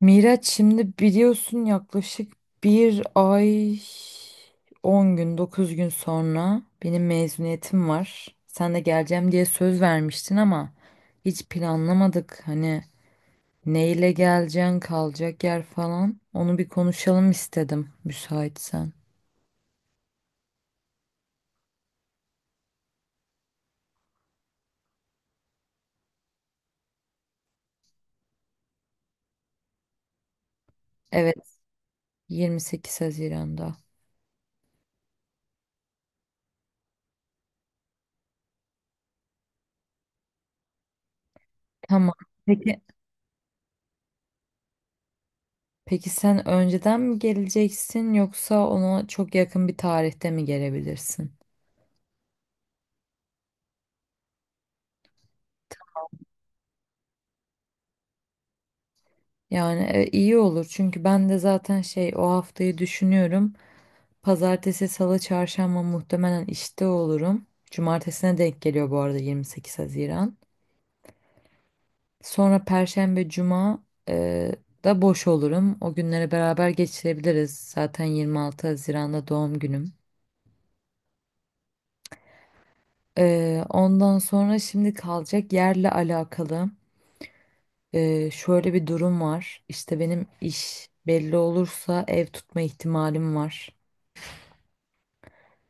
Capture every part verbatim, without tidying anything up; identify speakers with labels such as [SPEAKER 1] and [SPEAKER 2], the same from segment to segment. [SPEAKER 1] Miraç şimdi biliyorsun yaklaşık bir ay on gün dokuz gün sonra benim mezuniyetim var. Sen de geleceğim diye söz vermiştin ama hiç planlamadık. Hani neyle geleceksin kalacak yer falan onu bir konuşalım istedim müsaitsen. Evet, yirmi sekiz Haziran'da. Tamam. Peki. Peki sen önceden mi geleceksin yoksa ona çok yakın bir tarihte mi gelebilirsin? Yani e, iyi olur çünkü ben de zaten şey o haftayı düşünüyorum. Pazartesi, salı, çarşamba muhtemelen işte olurum. Cumartesine denk geliyor bu arada yirmi sekiz Haziran. Sonra perşembe, cuma e, da boş olurum. O günleri beraber geçirebiliriz. Zaten yirmi altı Haziran'da doğum günüm. E, ondan sonra şimdi kalacak yerle alakalı e, şöyle bir durum var. İşte benim iş belli olursa ev tutma ihtimalim var.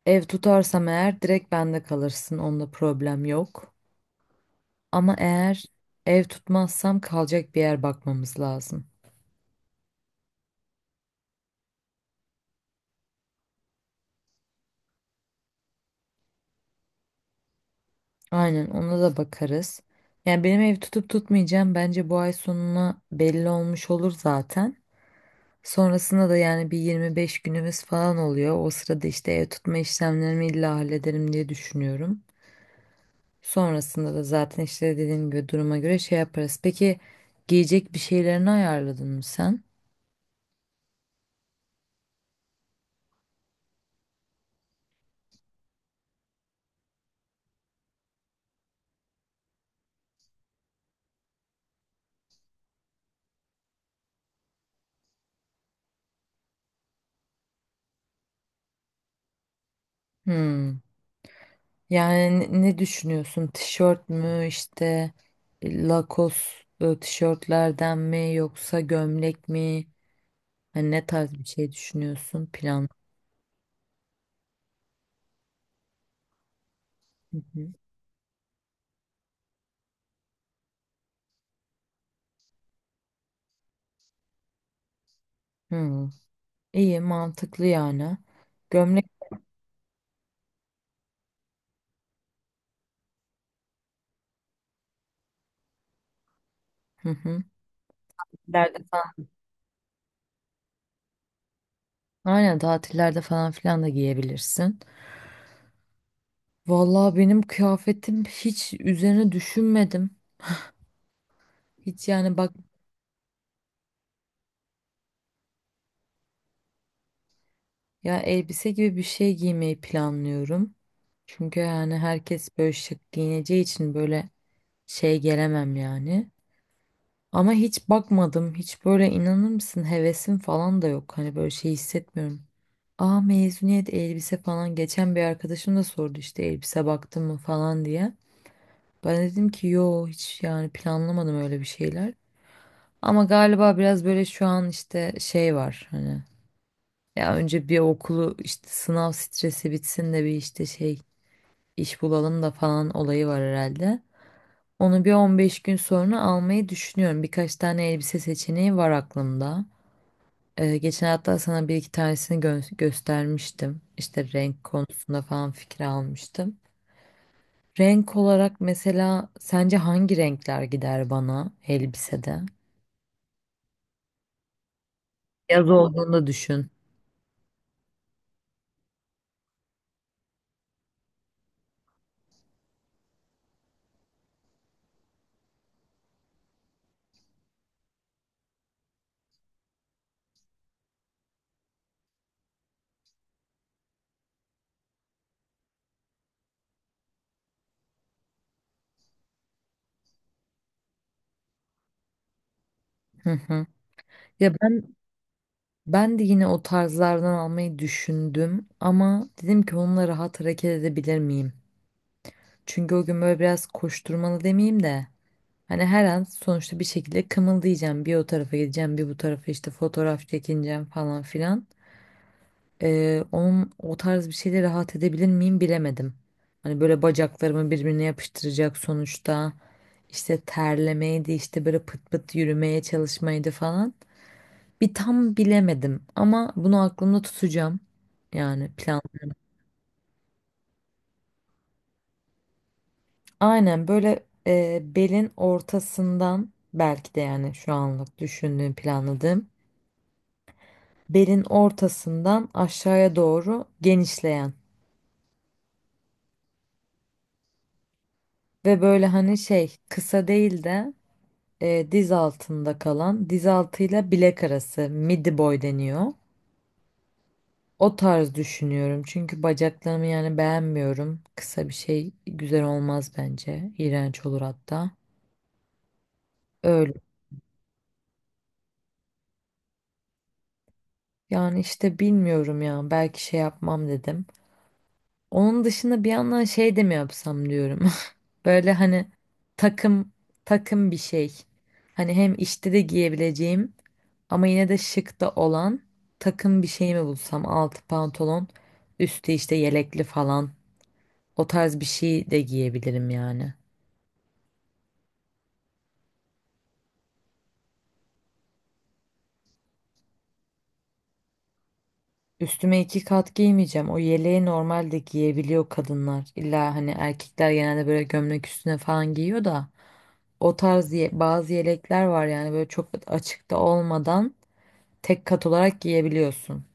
[SPEAKER 1] Ev tutarsam eğer direkt bende kalırsın. Onda problem yok. Ama eğer ev tutmazsam kalacak bir yer bakmamız lazım. Aynen, ona da bakarız. Yani benim ev tutup tutmayacağım bence bu ay sonuna belli olmuş olur zaten. Sonrasında da yani bir yirmi beş günümüz falan oluyor. O sırada işte ev tutma işlemlerimi illa hallederim diye düşünüyorum. Sonrasında da zaten işte dediğim gibi duruma göre şey yaparız. Peki, giyecek bir şeylerini ayarladın mı sen? Hmm. Yani ne ne düşünüyorsun? Tişört mü işte e, Lacoste e, tişörtlerden mi yoksa gömlek mi? Hani ne tarz bir şey düşünüyorsun plan? Hı hı. Hı. İyi, mantıklı yani. Gömlek. Hı hı. Tatillerde falan. Aynen, tatillerde falan filan da giyebilirsin. Vallahi benim kıyafetim hiç üzerine düşünmedim. Hiç yani bak, ya elbise gibi bir şey giymeyi planlıyorum. Çünkü yani herkes böyle şık giyineceği için böyle şey gelemem yani. Ama hiç bakmadım. Hiç böyle inanır mısın, hevesim falan da yok. Hani böyle şey hissetmiyorum. Aa, mezuniyet elbise falan. Geçen bir arkadaşım da sordu işte elbise baktın mı falan diye. Ben dedim ki yo, hiç yani planlamadım öyle bir şeyler. Ama galiba biraz böyle şu an işte şey var hani. Ya önce bir okulu işte sınav stresi bitsin de bir işte şey iş bulalım da falan olayı var herhalde. Onu bir on beş gün sonra almayı düşünüyorum. Birkaç tane elbise seçeneği var aklımda. Ee, geçen hafta sana bir iki tanesini gö- göstermiştim. İşte renk konusunda falan fikir almıştım. Renk olarak mesela sence hangi renkler gider bana elbisede? Yaz olduğunda düşün. Hı hı. Ya ben ben de yine o tarzlardan almayı düşündüm ama dedim ki onunla rahat hareket edebilir miyim? Çünkü o gün böyle biraz koşturmalı demeyeyim de hani her an sonuçta bir şekilde kımıldayacağım. Bir o tarafa gideceğim, bir bu tarafa işte fotoğraf çekineceğim falan filan. Ee, onun o tarz bir şeyle rahat edebilir miyim bilemedim. Hani böyle bacaklarımı birbirine yapıştıracak sonuçta. İşte terlemeydi, işte böyle pıt pıt yürümeye çalışmaydı falan. Bir tam bilemedim ama bunu aklımda tutacağım. Yani plan. Aynen, böyle e, belin ortasından belki de, yani şu anlık düşündüğüm, planladığım, belin ortasından aşağıya doğru genişleyen ve böyle hani şey kısa değil de e, diz altında kalan, diz altıyla bilek arası midi boy deniyor. O tarz düşünüyorum çünkü bacaklarımı yani beğenmiyorum. Kısa bir şey güzel olmaz bence. İğrenç olur hatta. Öyle. Yani işte bilmiyorum ya, belki şey yapmam dedim. Onun dışında bir yandan şey de mi yapsam diyorum. Böyle hani takım takım bir şey. Hani hem işte de giyebileceğim ama yine de şık da olan takım bir şey mi bulsam? Altı pantolon, üstü işte yelekli falan. O tarz bir şey de giyebilirim yani. Üstüme iki kat giymeyeceğim. O yeleği normalde giyebiliyor kadınlar. İlla hani erkekler genelde böyle gömlek üstüne falan giyiyor da. O tarz ye- bazı yelekler var yani, böyle çok açıkta olmadan tek kat olarak giyebiliyorsun.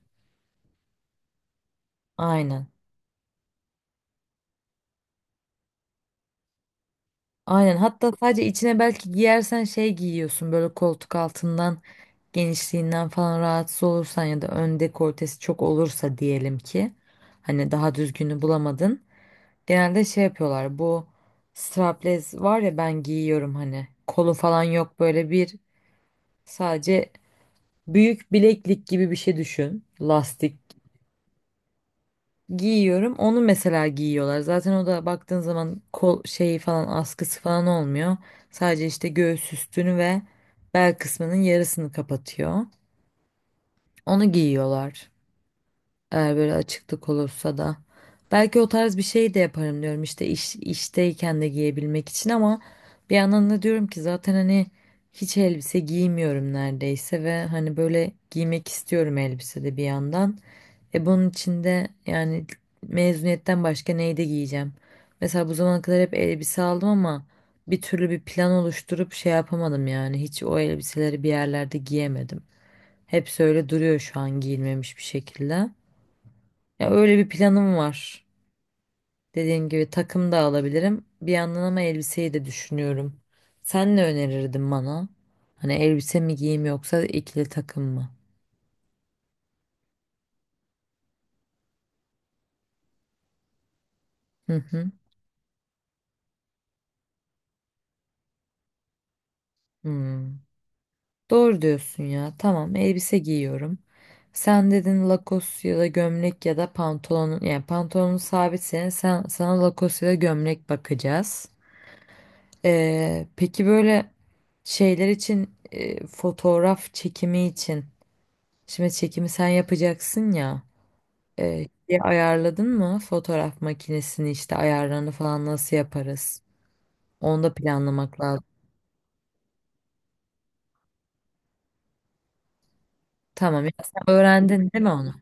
[SPEAKER 1] Aynen. Aynen. Hatta sadece içine belki giyersen şey giyiyorsun, böyle koltuk altından genişliğinden falan rahatsız olursan ya da ön dekoltesi çok olursa diyelim ki, hani daha düzgünü bulamadın. Genelde şey yapıyorlar, bu strapless var ya, ben giyiyorum, hani kolu falan yok, böyle bir sadece büyük bileklik gibi bir şey düşün, lastik giyiyorum. Onu mesela giyiyorlar. Zaten o da baktığın zaman kol şeyi falan, askısı falan olmuyor. Sadece işte göğüs üstünü ve bel kısmının yarısını kapatıyor. Onu giyiyorlar. Eğer böyle açıklık olursa da. Belki o tarz bir şey de yaparım diyorum işte, iş, işteyken de giyebilmek için. Ama bir yandan da diyorum ki, zaten hani hiç elbise giymiyorum neredeyse ve hani böyle giymek istiyorum elbise de bir yandan. E, bunun içinde yani mezuniyetten başka neyi de giyeceğim? Mesela bu zamana kadar hep elbise aldım ama bir türlü bir plan oluşturup şey yapamadım yani. Hiç o elbiseleri bir yerlerde giyemedim. Hepsi öyle duruyor şu an giyilmemiş bir şekilde. Ya öyle bir planım var. Dediğim gibi takım da alabilirim bir yandan ama elbiseyi de düşünüyorum. Sen ne önerirdin bana? Hani elbise mi giyeyim yoksa ikili takım mı? Hı hı. Hmm. Doğru diyorsun ya. Tamam, elbise giyiyorum. Sen dedin lakos ya da gömlek ya da pantolonun, yani pantolonun sabit senin, sen, sana lakos ya da gömlek bakacağız. Ee, peki böyle şeyler için, e, fotoğraf çekimi için, şimdi çekimi sen yapacaksın ya, e, şeyi ayarladın mı, fotoğraf makinesini işte ayarlarını falan nasıl yaparız? Onu da planlamak lazım. Tamam ya, sen öğrendin değil mi onu?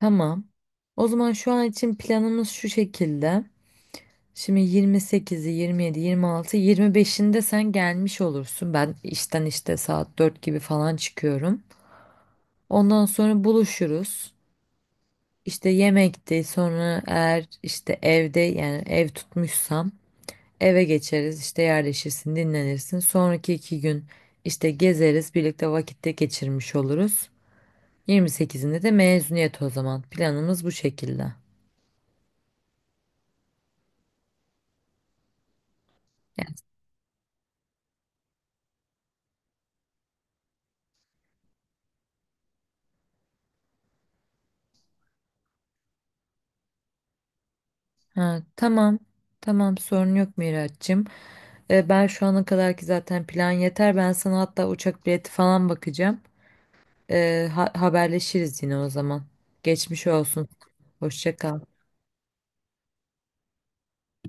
[SPEAKER 1] Tamam. O zaman şu an için planımız şu şekilde. Şimdi yirmi sekizi, yirmi yedi, yirmi altı, yirmi beşinde sen gelmiş olursun. Ben işten işte saat dört gibi falan çıkıyorum. Ondan sonra buluşuruz. İşte yemekte, sonra eğer işte evde, yani ev tutmuşsam eve geçeriz. İşte yerleşirsin, dinlenirsin. Sonraki iki gün işte gezeriz, birlikte vakitte geçirmiş oluruz. yirmi sekizinde de mezuniyet o zaman. Planımız bu şekilde. Ha, tamam. Tamam, sorun yok Miraç'cığım. Ee, ben şu ana kadarki zaten plan yeter. Ben sana hatta uçak bileti falan bakacağım. Ee, ha- haberleşiriz yine o zaman. Geçmiş olsun. Hoşça kal.